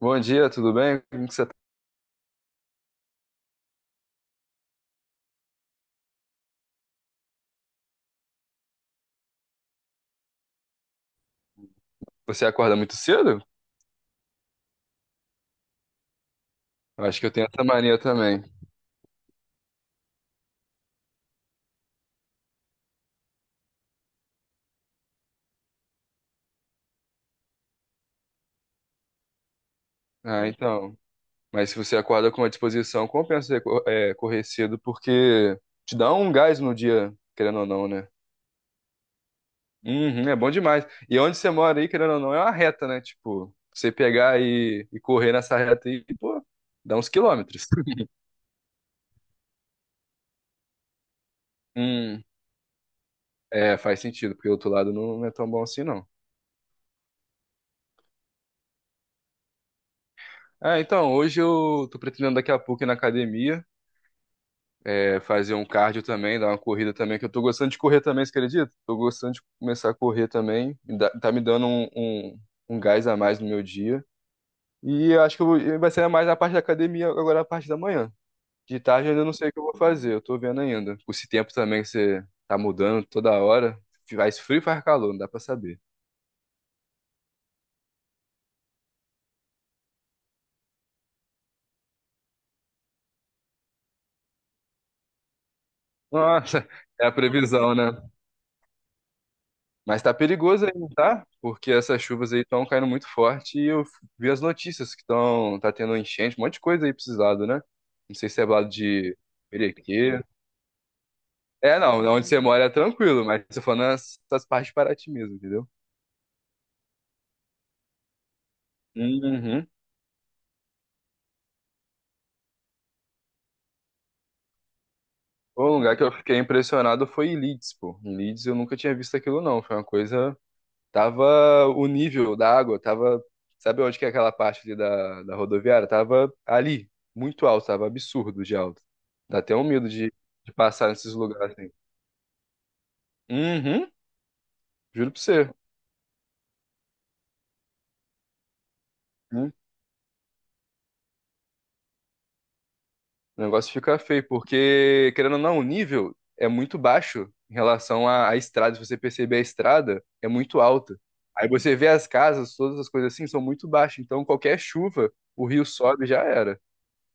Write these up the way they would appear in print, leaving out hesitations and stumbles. Bom dia, tudo bem? Como que você tá? Você acorda muito cedo? Eu acho que eu tenho essa mania também. Ah, então. Mas se você acorda com uma disposição, compensa você correr cedo, porque te dá um gás no dia, querendo ou não, né? Uhum, é bom demais. E onde você mora aí, querendo ou não, é uma reta, né? Tipo, você pegar e correr nessa reta aí, pô, dá uns quilômetros. Hum, é, faz sentido, porque o outro lado não é tão bom assim, não. Ah, então, hoje eu tô pretendendo daqui a pouco ir na academia. É, fazer um cardio também, dar uma corrida também, que eu tô gostando de correr também, você acredita? Tô gostando de começar a correr também, tá me dando um gás a mais no meu dia. E eu acho que vai ser mais a parte da academia agora, a parte da manhã. De tarde eu ainda não sei o que eu vou fazer, eu tô vendo ainda. Com esse tempo também que você tá mudando toda hora, faz frio e faz calor, não dá pra saber. Nossa, é a previsão, né? Mas tá perigoso ainda, tá? Porque essas chuvas aí estão caindo muito forte e eu vi as notícias que estão tendo enchente, um monte de coisa aí precisado, né? Não sei se é do lado de Perequê. É, não, onde você mora é tranquilo, mas eu tô falando nessas partes de Paraty mesmo, entendeu? Uhum. O lugar que eu fiquei impressionado foi em Leeds, pô. Em Leeds eu nunca tinha visto aquilo não, foi uma coisa. Tava o nível da água, tava. Sabe onde que é aquela parte ali da rodoviária? Tava ali, muito alto, tava absurdo de alto. Dá até um medo de passar nesses lugares assim. Uhum, juro pra você. Hum. O negócio fica feio, porque, querendo ou não, o nível é muito baixo em relação à estrada. Se você perceber, a estrada é muito alta. Aí você vê as casas, todas as coisas assim, são muito baixas. Então, qualquer chuva, o rio sobe e já era.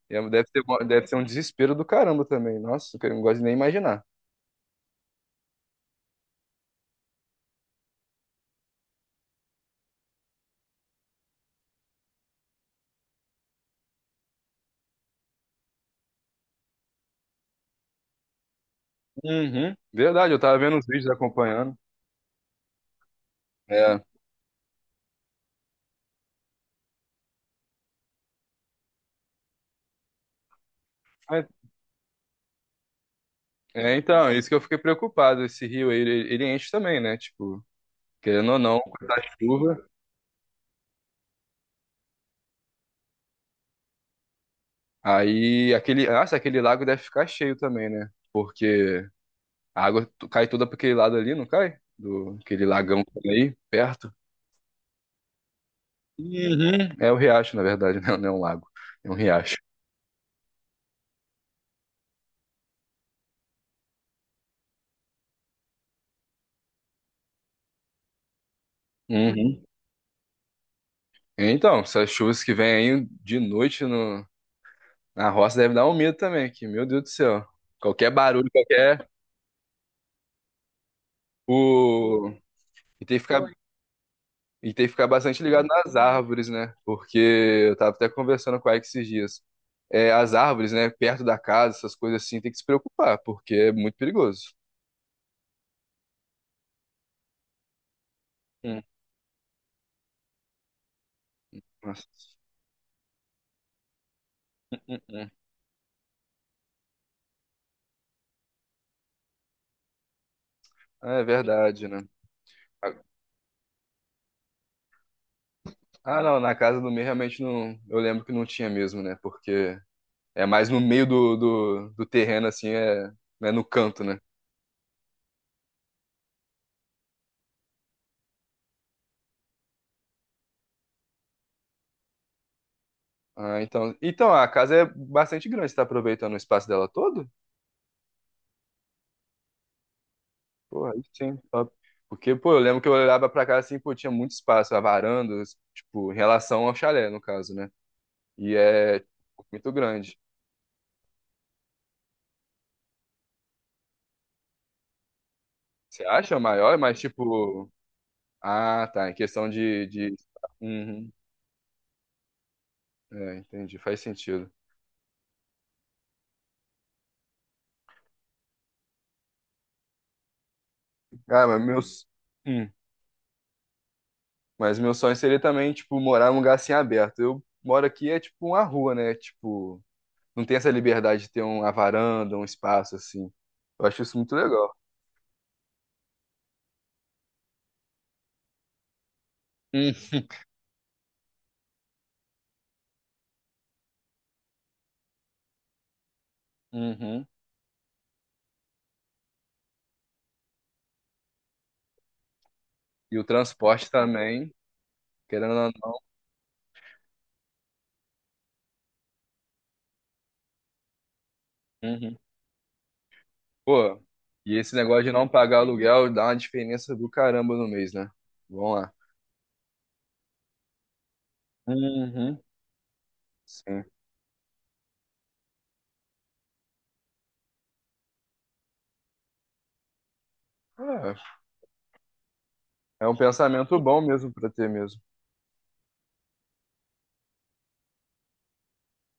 Deve ser um desespero do caramba também. Nossa, que eu não gosto de nem imaginar. Uhum. Verdade, eu tava vendo os vídeos acompanhando. É. Mas- é, então, é isso que eu fiquei preocupado. Esse rio, aí, ele enche também, né? Tipo, querendo ou não, com chuva. Aí, aquele, nossa, aquele lago deve ficar cheio também, né? Porque a cai toda pra aquele lado ali, não cai? Do, aquele lagão que tem aí, perto. Uhum. É o riacho, na verdade, né? Não é um lago, é um riacho. Uhum. Então, essas chuvas que vêm aí de noite no, na roça deve dar um medo também, que, meu Deus do céu. Qualquer barulho, qualquer. O... E tem que ficar, e tem que ficar bastante ligado nas árvores, né? Porque eu tava até conversando com a Ike esses dias. É, as árvores, né? Perto da casa, essas coisas assim, tem que se preocupar, porque é muito perigoso. Hum, nossa. Hum, hum. Ah, é verdade, né? Ah, não, na casa do meio realmente não. Eu lembro que não tinha mesmo, né? Porque é mais no meio do terreno, assim, é, né, no canto, né? Ah, então, então a casa é bastante grande, você tá aproveitando o espaço dela todo? Pô, aí sim, top. Porque, pô, eu lembro que eu olhava pra casa assim, pô, tinha muito espaço, a varanda, tipo, em relação ao chalé, no caso, né? E é muito grande. Você acha maior, mas tipo, ah, tá, em questão de... Uhum. É, entendi, faz sentido. Ah, mas meus... Hum. Mas meu sonho seria também, tipo, morar num lugar assim aberto. Eu moro aqui, é tipo uma rua, né? Tipo, não tem essa liberdade de ter uma varanda, um espaço assim. Eu acho isso muito legal. Hum. Uhum. E o transporte também, querendo ou não. Uhum. Pô, e esse negócio de não pagar aluguel dá uma diferença do caramba no mês, né? Vamos lá. Uhum. Sim. É, é um pensamento bom mesmo pra ter mesmo.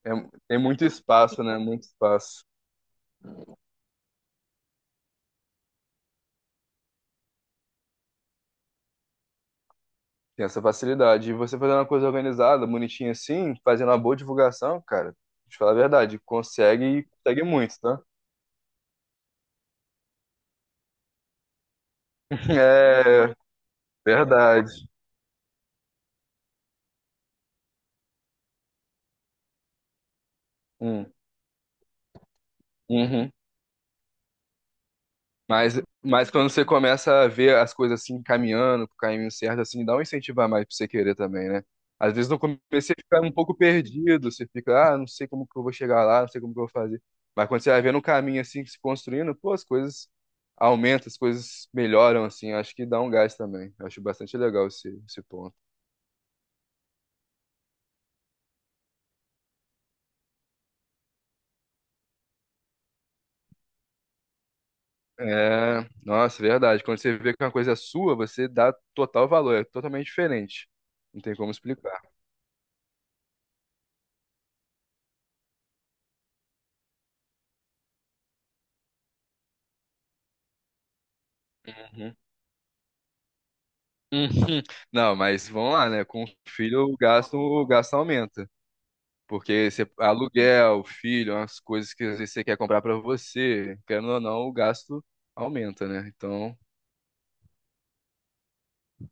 É- tem muito espaço, né? Muito espaço. Tem essa facilidade. E você fazendo uma coisa organizada, bonitinha assim, fazendo uma boa divulgação, cara, te falar a verdade, consegue e consegue muito, tá? É, verdade. Hum, uhum. Mas quando você começa a ver as coisas assim caminhando, pro caminho certo, assim, dá um incentivo a mais pra você querer também, né? Às vezes no começo você fica um pouco perdido, você fica, ah, não sei como que eu vou chegar lá, não sei como que eu vou fazer. Mas quando você vai vendo um caminho assim se construindo, pô, as coisas aumentam, as coisas melhoram, assim, acho que dá um gás também. Eu acho bastante legal esse ponto. É, nossa, verdade. Quando você vê que uma coisa é sua, você dá total valor, é totalmente diferente. Não tem como explicar. Uhum. Uhum. Não, mas vamos lá, né? Com o filho, o gasto aumenta. Porque você, aluguel, filho, as coisas que às vezes você quer comprar pra você, querendo ou não, o gasto aumenta, né? Então,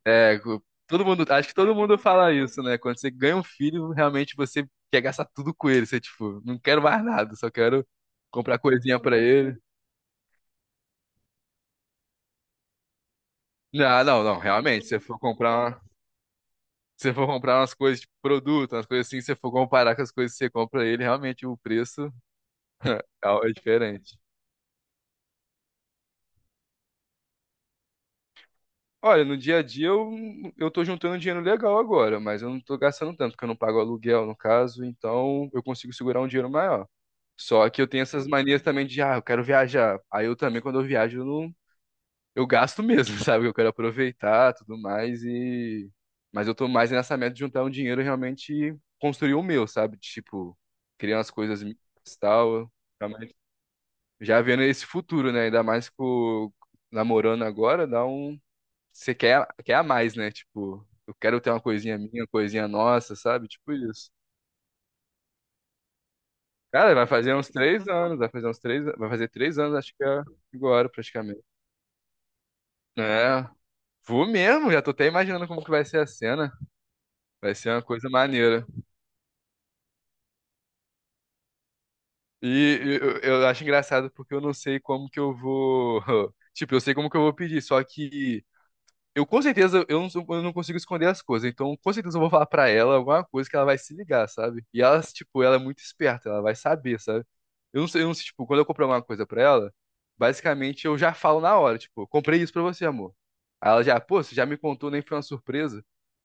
é, todo mundo, acho que todo mundo fala isso, né? Quando você ganha um filho, realmente você quer gastar tudo com ele. Você, tipo, não quero mais nada, só quero comprar coisinha pra ele. Ah, não, não, realmente, se você for comprar, uma- se você for comprar umas coisas, tipo, produto, umas coisas assim, se você for comparar com as coisas que você compra ele, realmente o preço é diferente. Olha, no dia a dia eu tô juntando dinheiro legal agora, mas eu não tô gastando tanto, porque eu não pago aluguel, no caso, então eu consigo segurar um dinheiro maior. Só que eu tenho essas manias também de, ah, eu quero viajar. Aí eu também, quando eu viajo, eu não, eu gasto mesmo, sabe? Eu quero aproveitar, tudo mais e mas eu tô mais nessa meta de juntar um dinheiro e realmente construir o meu, sabe? Tipo, criar umas coisas minhas e tal, realmente já vendo esse futuro, né? Ainda mais com namorando agora, dá um você quer a mais, né? Tipo, eu quero ter uma coisinha minha, uma coisinha nossa, sabe? Tipo isso. Cara, vai fazer uns três anos, vai fazer uns três, vai fazer três anos, acho que é agora, praticamente. É, vou mesmo, já tô até imaginando como que vai ser a cena. Vai ser uma coisa maneira. E eu acho engraçado porque eu não sei como que eu vou. Tipo, eu sei como que eu vou pedir, só que eu com certeza eu não consigo esconder as coisas. Então, com certeza eu vou falar pra ela alguma coisa que ela vai se ligar, sabe? E ela, tipo, ela é muito esperta, ela vai saber, sabe? Eu não sei, tipo, quando eu comprar alguma coisa pra ela, basicamente eu já falo na hora, tipo, comprei isso pra você, amor. Aí ela já, pô, você já me contou, nem foi uma surpresa.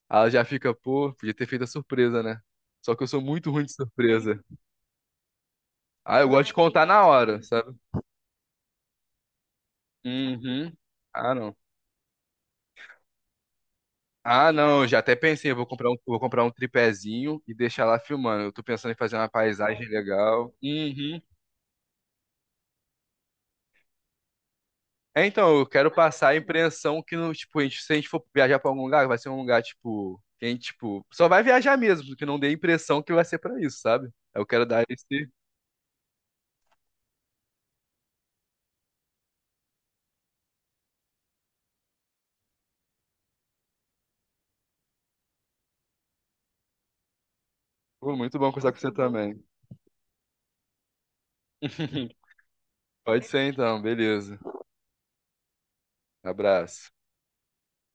Aí ela já fica, pô, podia ter feito a surpresa, né? Só que eu sou muito ruim de surpresa. Ah, eu gosto de contar na hora, sabe? Uhum. Ah, não. Ah, não, eu já até pensei, eu vou comprar um tripézinho e deixar lá filmando. Eu tô pensando em fazer uma paisagem legal. Uhum. É, então, eu quero passar a impressão que, no, tipo, a se a gente for viajar pra algum lugar, vai ser um lugar, tipo, que a gente, tipo, só vai viajar mesmo, que não dê a impressão que vai ser pra isso, sabe? Eu quero dar esse... Pô, muito bom conversar com você também. Pode ser, então, beleza. Abraço.